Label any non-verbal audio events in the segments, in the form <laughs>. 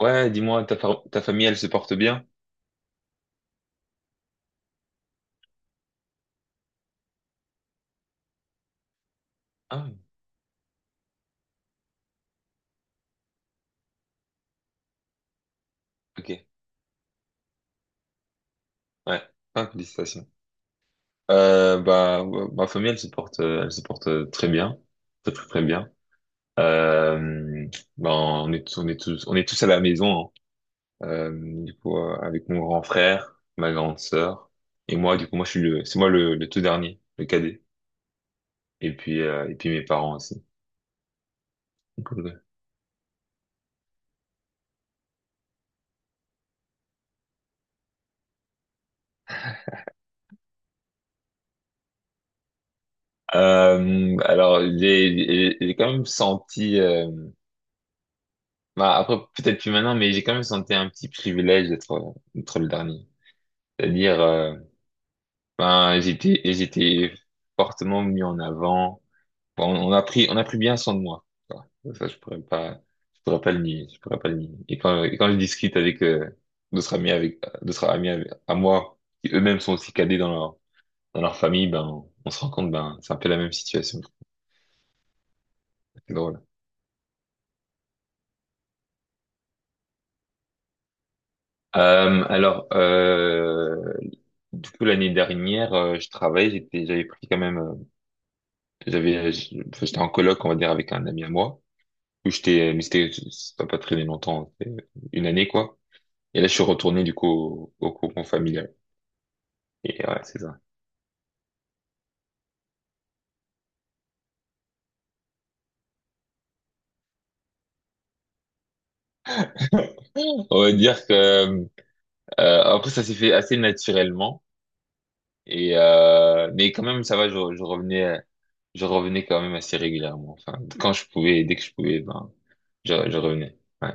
Ouais, dis-moi, ta famille, elle se porte bien? Ah, ok. Ouais. Ah, félicitations. Ouais, ma famille, elle se porte très bien. Très, très, très bien. Euh, ben, on est tous à la maison, hein. Euh, du coup, avec mon grand frère, ma grande sœur, et moi, du coup, moi, je suis le, c'est moi le tout dernier, le cadet. Et puis mes parents aussi. Donc, ouais. Alors, j'ai quand même senti, bah, après, peut-être plus maintenant, mais j'ai quand même senti un petit privilège d'être le dernier. C'est-à-dire, ben, j'étais fortement mis en avant. Bon, on a pris bien soin de moi. Voilà. Ça, je pourrais pas le nier, je pourrais pas le nier. Et quand je discute avec, d'autres amis à moi, qui eux-mêmes sont aussi cadets dans leur famille, ben, on se rend compte, ben, c'est un peu la même situation. C'est drôle. Euh, alors, euh, du coup, l'année dernière, j'avais pris quand même, enfin, j'étais en coloc, on va dire, avec un ami à moi. Où j'étais, mais c'était, ça n'a pas très longtemps, c'était une année, quoi. Et là, je suis retourné, du coup, au, au cocon familial. Et ouais, c'est ça. On va dire que, après, ça s'est fait assez naturellement. Et, mais quand même, ça va, je revenais quand même assez régulièrement. Enfin, quand je pouvais, dès que je pouvais, ben, je revenais. Ouais,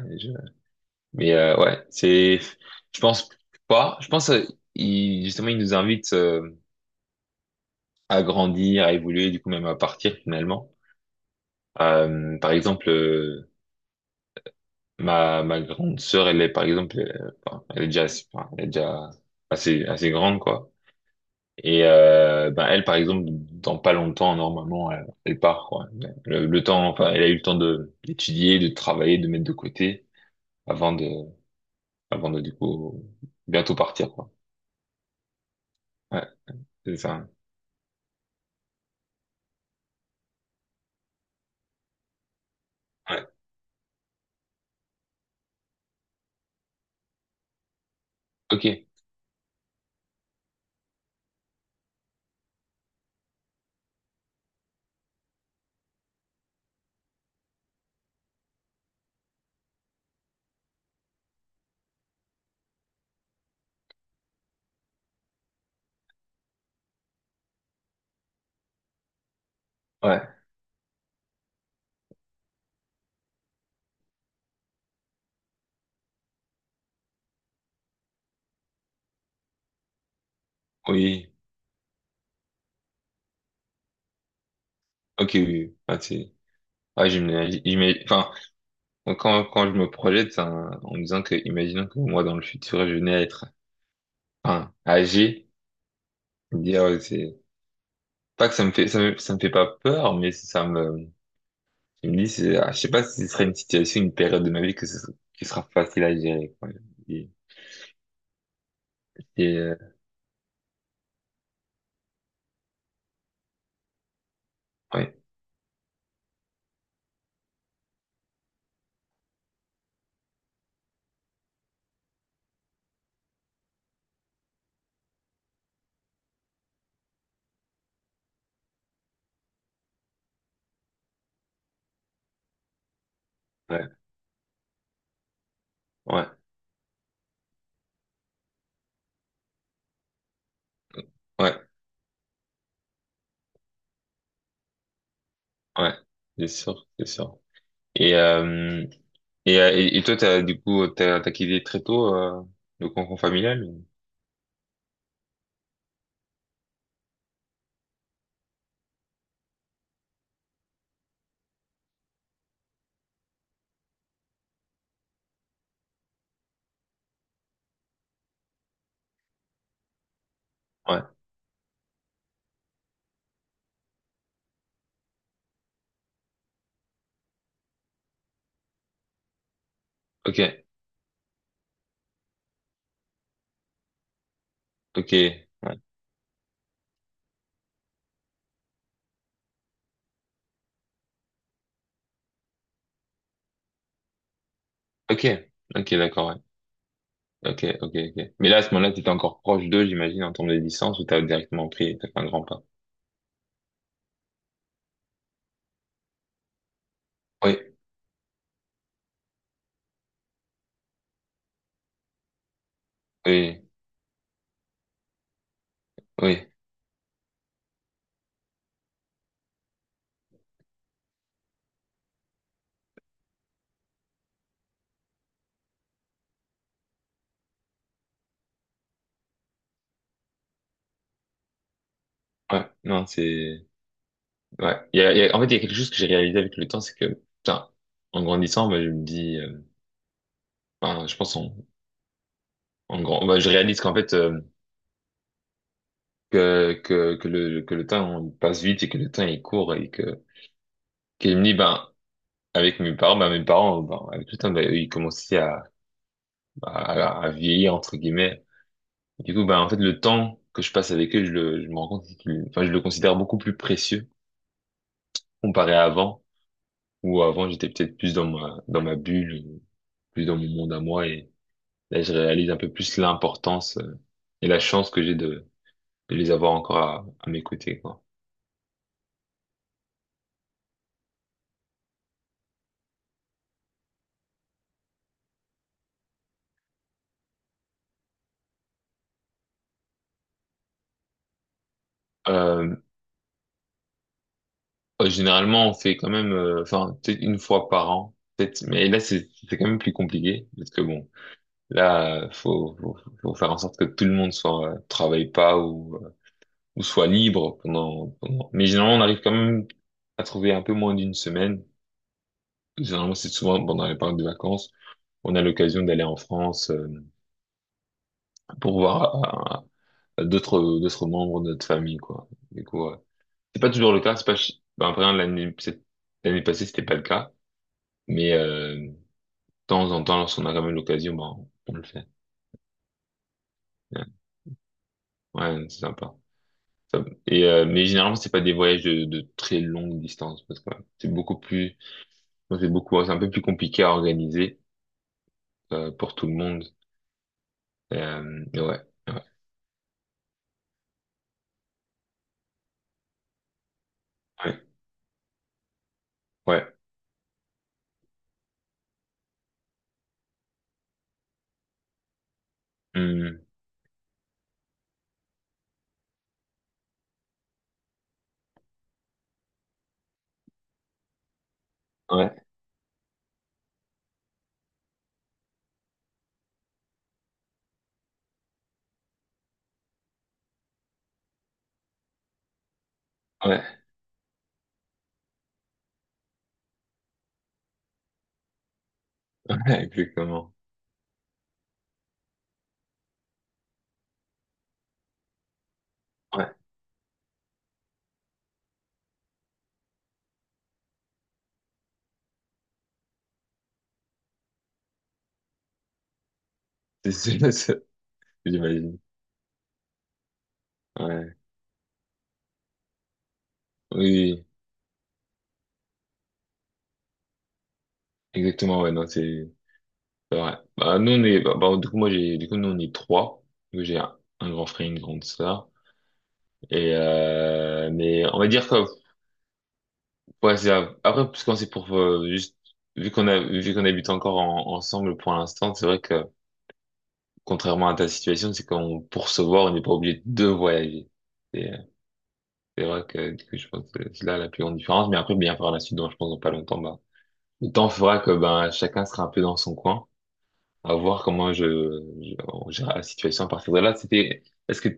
mais ouais, c'est, je pense pas. Je pense il, justement il nous invite à grandir, à évoluer, du coup même à partir finalement. Par exemple, ma grande sœur, elle est par exemple, enfin, elle est déjà, enfin, elle est déjà assez grande quoi. Et ben elle par exemple, dans pas longtemps normalement, elle, elle part quoi. Le temps, enfin, elle a eu le temps de d'étudier, de travailler, de mettre de côté avant de avant de du coup bientôt partir quoi. Ouais, c'est ça. Ok, ouais, oui, ok, oui, oui. Ah, c'est- ouais, j'imagine, j'imagine- enfin, quand je me projette, en me disant que, imaginons que moi, dans le futur, je venais à être, enfin, âgé, je me dis, ah ouais, c'est, pas que ça me fait pas peur, mais ça me, je me dis, c'est, ah, je sais pas si ce serait une situation, une période de ma vie qui sera facile à gérer, quoi. Et, et, ouais, ouais, ouais, ouais, ouais, c'est sûr, c'est sûr. Et, euh, et toi, t'as, du coup, t'as, t'as quitté très tôt le cocon familial? Ou- ouais. Ok. Ok. Ouais. Ok. Ok, d'accord, ouais. Ok, ok, ok. Mais là, à ce moment-là, t'étais encore proche d'eux, j'imagine, en termes de distance, ou t'as directement pris, t'as fait un grand pas. Oui, oui, oui. Ouais, non, c'est... Ouais. Il y a- en fait, il y a quelque chose que j'ai réalisé avec le temps, c'est que, putain, en grandissant, bah, je me dis... enfin, en grand... bah, je réalise qu'en fait, que le temps on passe vite et que le temps est court et que... Qu'il me dit, ben, avec mes parents, bah, avec le temps, bah, ils commençaient à, à vieillir, entre guillemets. Du coup, bah, en fait, le temps que je passe avec eux, je me rends compte qu'il, enfin, je le considère beaucoup plus précieux comparé à avant, où avant, j'étais peut-être plus dans ma bulle, plus dans mon monde à moi, et là, je réalise un peu plus l'importance et la chance que j'ai de les avoir encore à mes côtés, quoi. Euh, généralement, on fait quand même, enfin, peut-être une fois par an, peut-être, mais là, c'est quand même plus compliqué, parce que bon, là, faut faire en sorte que tout le monde soit travaille pas ou, ou soit libre pendant. Mais généralement, on arrive quand même à trouver un peu moins d'une semaine. Généralement, c'est souvent pendant les périodes de vacances, on a l'occasion d'aller en France pour voir d'autres membres de notre famille, quoi. Du coup, c'est pas toujours le cas. C'est pas ch- ben, après hein, l'année passée, c'était pas le cas, mais de temps en temps, lorsqu'on a quand même l'occasion, ben, on le fait. Ouais, ouais, c'est sympa. Ça- et mais généralement c'est pas des voyages de très longue distance parce que ouais, c'est beaucoup plus c'est beaucoup c'est un peu plus compliqué à organiser pour tout le monde, mais ouais, ouais, ouais, ouais. Hum, ouais, ouais, <laughs> ouais, exactement, ouais. c'est c'est- c'est- J'imagine. Ouais, oui, exactement, ouais, non, c'est vrai. Bah nous on est bah, bah, du coup nous on est trois. Donc, j'ai un grand frère une grande sœur et mais on va dire que ouais, c'est grave. Après, parce qu'on c'est pour juste vu qu'on a vu qu'on habite encore ensemble pour l'instant, c'est vrai que contrairement à ta situation, c'est qu'on pour se voir, on n'est pas obligé de voyager. Et, c'est vrai que du coup, je pense que c'est là la plus grande différence. Mais après, bien par la suite, donc, je pense dans pas longtemps, bah, le temps fera que ben chacun sera un peu dans son coin, à voir comment je on gère la situation à partir de là. C'était, est-ce que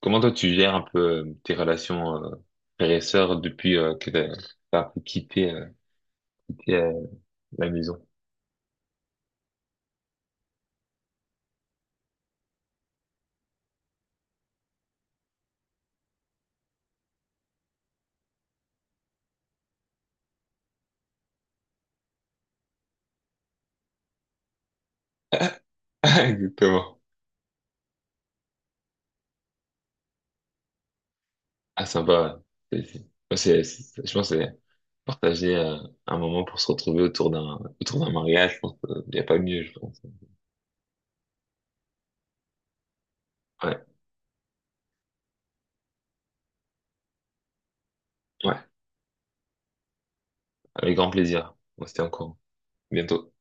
comment toi tu gères un peu tes relations frères et sœurs depuis que t'as un peu quitté, quitté, euh, la maison? <laughs> Exactement. Ah, sympa. Ouais. Ouais, je pense que c'est partager un moment pour se retrouver autour d'un mariage, je pense qu'il n'y a pas mieux, je pense. Ouais, ouais, avec grand plaisir. On se tient au courant. Bientôt.